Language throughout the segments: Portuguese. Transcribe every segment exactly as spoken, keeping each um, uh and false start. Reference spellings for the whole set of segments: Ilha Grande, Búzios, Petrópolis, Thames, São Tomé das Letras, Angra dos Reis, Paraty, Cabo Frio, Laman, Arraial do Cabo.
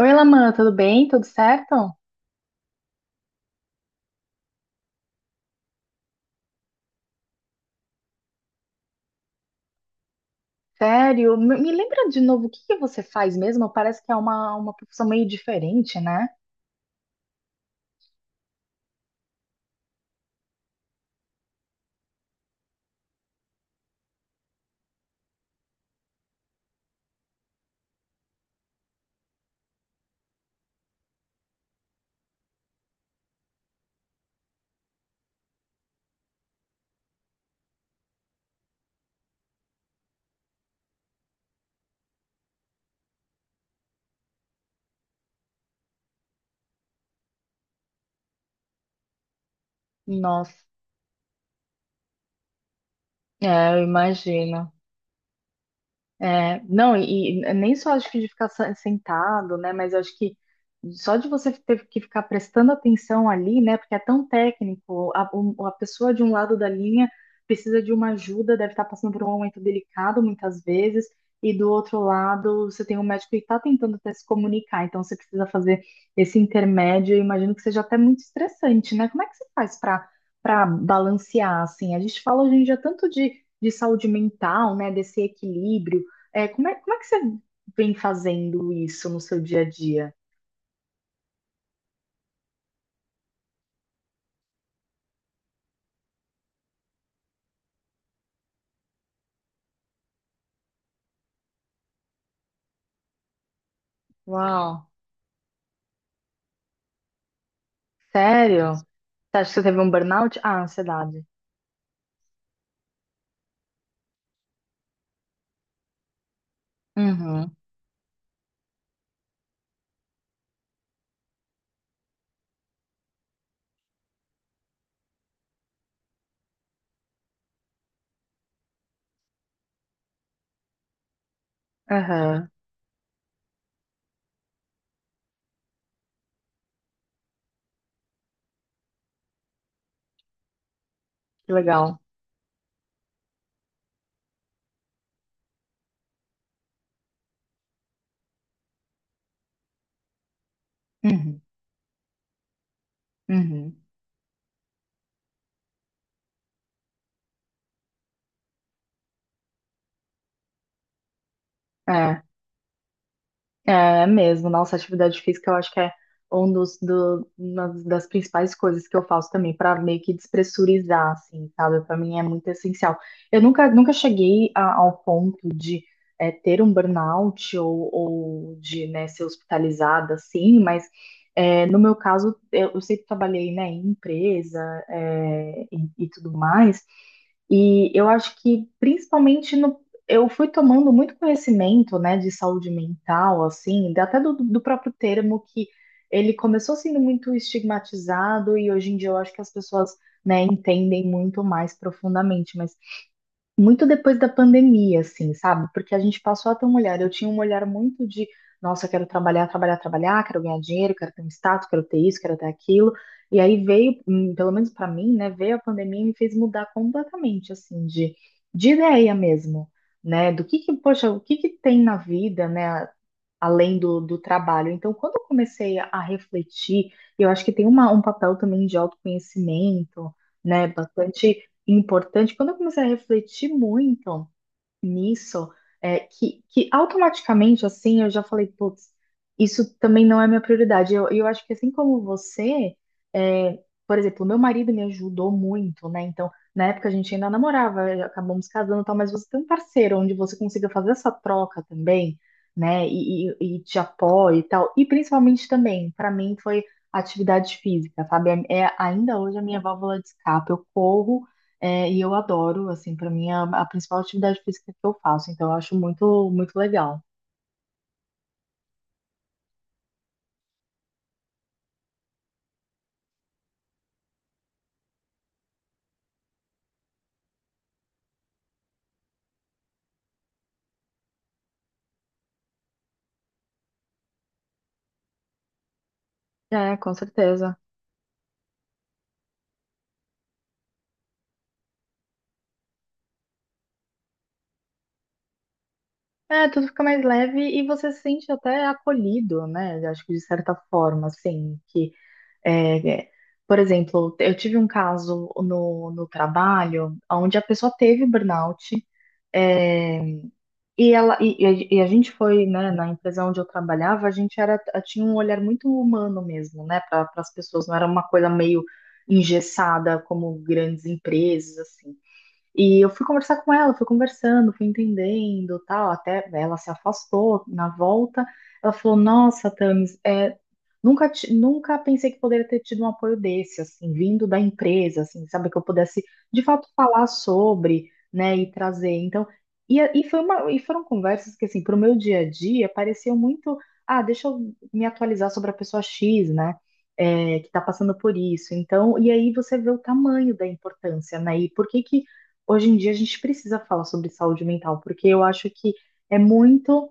Oi, Laman, tudo bem? Tudo certo? Sério? Me me lembra de novo o que que você faz mesmo? Parece que é uma, uma profissão meio diferente, né? Nossa, é, eu imagino. É, não, e, e nem só acho que de ficar sa- sentado, né? Mas eu acho que só de você ter que ficar prestando atenção ali, né? Porque é tão técnico, a, o- a pessoa de um lado da linha precisa de uma ajuda, deve estar passando por um momento delicado muitas vezes, e do outro lado você tem um médico que está tentando até se comunicar, então você precisa fazer esse intermédio. Eu imagino que seja até muito estressante, né? Como é que você faz para para balancear assim? A gente fala hoje em dia tanto de, de saúde mental, né? Desse equilíbrio é, como é, como é que você vem fazendo isso no seu dia a dia? Uau. Sério? Você acha que você teve um burnout? Ah, ansiedade. Uhum, aham, que legal. Uhum, uhum. É, é mesmo. Nossa, atividade física eu acho que é um dos, do, uma das principais coisas que eu faço também, para meio que despressurizar, assim, sabe? Para mim é muito essencial. Eu nunca, nunca cheguei a- ao ponto de é, ter um burnout ou, ou de, né, ser hospitalizada, assim, mas é, no meu caso, eu, eu sempre trabalhei, né, em empresa, é, e, e tudo mais, e eu acho que principalmente no, eu fui tomando muito conhecimento, né, de saúde mental, assim, da- até do, do próprio termo, que ele começou sendo muito estigmatizado e hoje em dia eu acho que as pessoas, né, entendem muito mais profundamente, mas muito depois da pandemia, assim, sabe? Porque a gente passou a ter um olhar. Eu tinha um olhar muito de, nossa, eu quero trabalhar, trabalhar, trabalhar, quero ganhar dinheiro, quero ter um status, quero ter isso, quero ter aquilo. E aí veio, hum, pelo menos pra mim, né, veio a pandemia e me fez mudar completamente, assim, de, de ideia mesmo, né? Do que que, poxa, o que que tem na vida, né? Além do, do trabalho. Então, quando eu comecei a refletir, eu acho que tem uma, um papel também de autoconhecimento, né, bastante importante. Quando eu comecei a refletir muito nisso, é, que, que automaticamente, assim, eu já falei, putz, isso também não é minha prioridade. Eu, eu acho que assim como você, é, por exemplo, meu marido me ajudou muito, né? Então, na época a gente ainda namorava, acabamos casando e tal, mas você tem um parceiro onde você consiga fazer essa troca também, né? E, e, e te apoia e tal. E principalmente também, para mim, foi atividade física, sabe? É, é ainda hoje a minha válvula de escape. Eu corro. É, e eu adoro, assim, para mim é a, a principal atividade física que eu faço, então eu acho muito, muito legal. É, com certeza. É, tudo fica mais leve e você se sente até acolhido, né? Eu acho que de certa forma, assim, que, é, é, por exemplo, eu tive um caso no, no trabalho onde a pessoa teve burnout, é, e ela e, e a e a gente foi, né, na empresa onde eu trabalhava, a gente era tinha um olhar muito humano mesmo, né, para as pessoas, não era uma coisa meio engessada como grandes empresas, assim. E eu fui conversar com ela, fui conversando, fui entendendo, tal, até ela se afastou na volta. Ela falou: "Nossa, Thames, é, nunca ti- nunca pensei que poderia ter tido um apoio desse, assim, vindo da empresa, assim, sabe, que eu pudesse de fato falar sobre, né, e trazer". Então, e, a- e foi uma e foram conversas que, assim, para o meu dia a dia, pareciam muito, ah, deixa eu me atualizar sobre a pessoa X, né? É, que está passando por isso. Então, e aí você vê o tamanho da importância, né? E por que que hoje em dia a gente precisa falar sobre saúde mental, porque eu acho que é muito,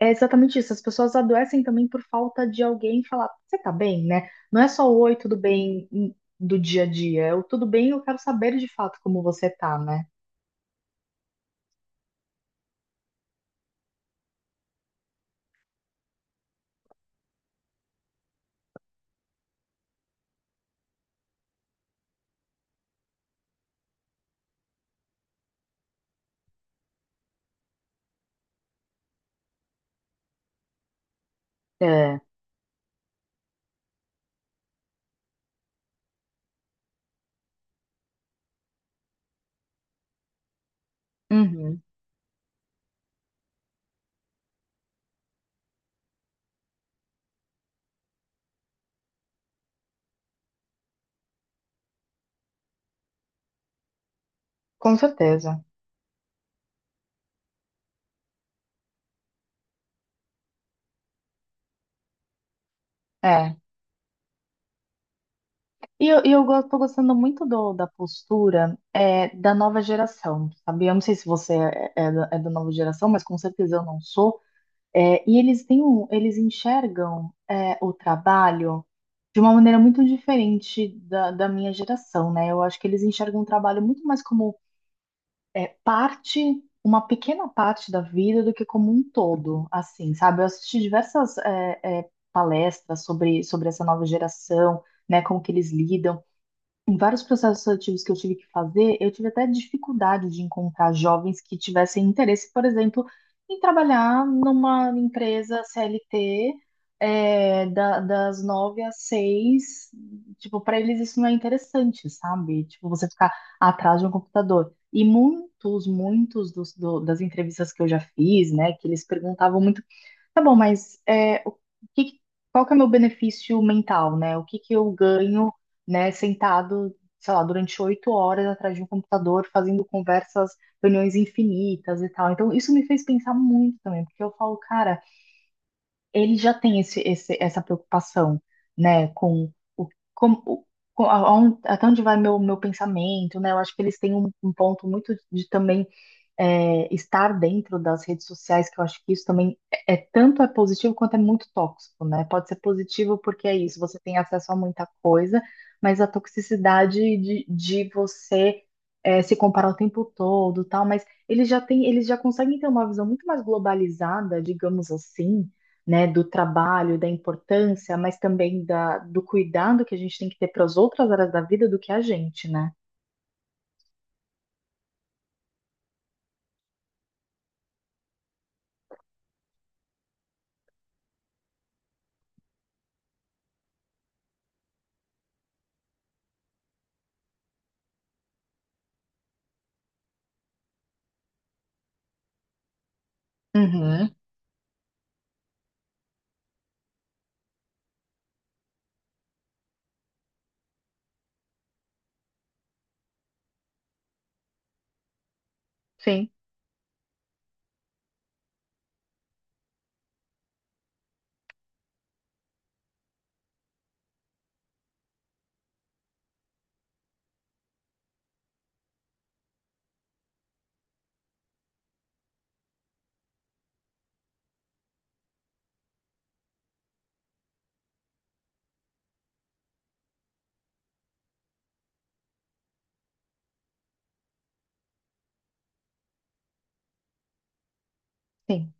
é exatamente isso. As pessoas adoecem também por falta de alguém falar, você tá bem, né? Não é só o oi, tudo bem, hum, do dia a dia, é o tudo bem, eu quero saber de fato como você tá, né? É, uhum, com certeza. É. E eu, e eu go- tô gostando muito do, da postura é, da nova geração, sabe? Eu não sei se você é, é da é da nova geração, mas com certeza eu não sou. É, e eles têm um, eles enxergam é, o trabalho de uma maneira muito diferente da, da minha geração, né? Eu acho que eles enxergam o trabalho muito mais como parte, uma pequena parte da vida do que como um todo, assim, sabe? Eu assisti diversas é, é, palestras sobre, sobre essa nova geração, né? Como que eles lidam. Em vários processos seletivos que eu tive que fazer, eu tive até dificuldade de encontrar jovens que tivessem interesse, por exemplo, em trabalhar numa empresa C L T, é, da- das nove às seis. Tipo, para eles isso não é interessante, sabe? Tipo, você ficar atrás de um computador. E muitos, muitos dos, do- das entrevistas que eu já fiz, né, que eles perguntavam muito. Tá bom, mas é, o que, que- qual que é o meu benefício mental, né? O que que eu ganho, né, sentado, sei lá, durante oito horas atrás de um computador, fazendo conversas, reuniões infinitas e tal. Então, isso me fez pensar muito também, porque eu falo, cara, ele já tem esse, esse- essa preocupação, né, com o, com, o- com- aonde- até onde vai meu, meu pensamento, né? Eu acho que eles têm um, um ponto muito de também é, estar dentro das redes sociais, que eu acho que isso também é, é tanto é positivo quanto é muito tóxico, né? Pode ser positivo porque é isso, você tem acesso a muita coisa, mas a toxicidade de, de você é, se comparar o tempo todo, tal, mas eles já têm, eles já conseguem ter uma visão muito mais globalizada, digamos assim, né, do trabalho, da importância, mas também da, do cuidado que a gente tem que ter para as outras áreas da vida do que a gente, né? Uhum. Sim, sim,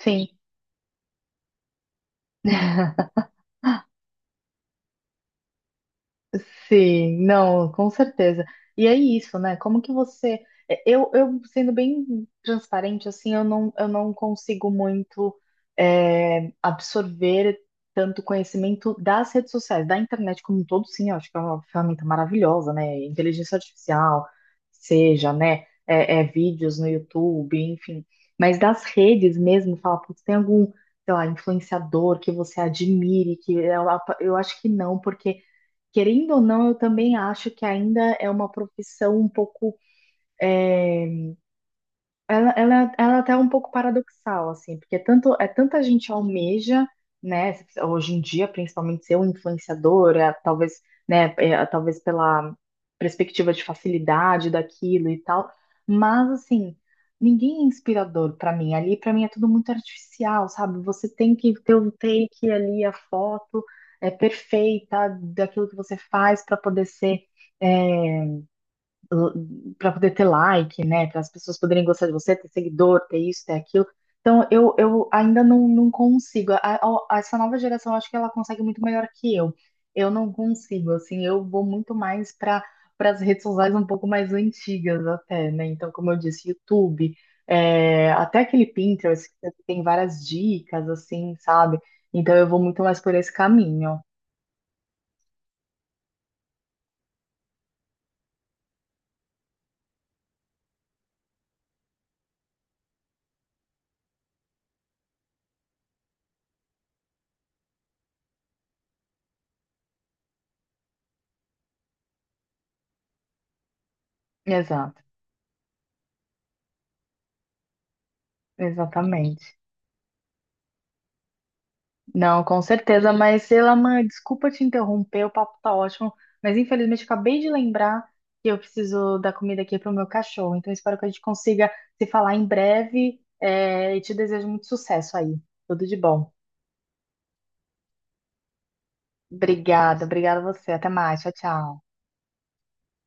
sim. Sim, não, com certeza. E é isso, né? Como que você. É, Eu, eu sendo bem transparente, assim, eu não, eu não consigo muito é, absorver tanto conhecimento das redes sociais, da internet como um todo. Sim, eu acho que é uma ferramenta maravilhosa, né? Inteligência artificial, seja, né? É, é, vídeos no YouTube, enfim. Mas das redes mesmo, fala, putz, tem algum, sei lá, influenciador que você admire, que eu, eu acho que não, porque. Querendo ou não, eu também acho que ainda é uma profissão um pouco é, ela, ela, ela até é um pouco paradoxal, assim, porque tanto, é tanta gente almeja, né, hoje em dia, principalmente ser um influenciador, é, talvez, né, é, talvez pela perspectiva de facilidade daquilo e tal, mas, assim, ninguém é inspirador para mim, ali para mim é tudo muito artificial, sabe? Você tem que ter um take ali, a foto é perfeita daquilo que você faz para poder ser é, para poder ter like, né? Para as pessoas poderem gostar de você, ter seguidor, ter isso, ter aquilo. Então, eu, eu ainda não, não consigo. A- a- essa nova geração, eu acho que ela consegue muito melhor que eu. Eu não consigo, assim, eu vou muito mais para para as redes sociais um pouco mais antigas até, né? Então, como eu disse, YouTube, é, até aquele Pinterest que tem várias dicas, assim, sabe? Então, eu vou muito mais por esse caminho. Exato, exatamente. Não, com certeza, mas Elaman, desculpa te interromper, o papo tá ótimo, mas infelizmente acabei de lembrar que eu preciso dar comida aqui pro meu cachorro, então espero que a gente consiga se falar em breve, é, e te desejo muito sucesso aí, tudo de bom. Obrigada, obrigada a você, até mais, tchau, tchau.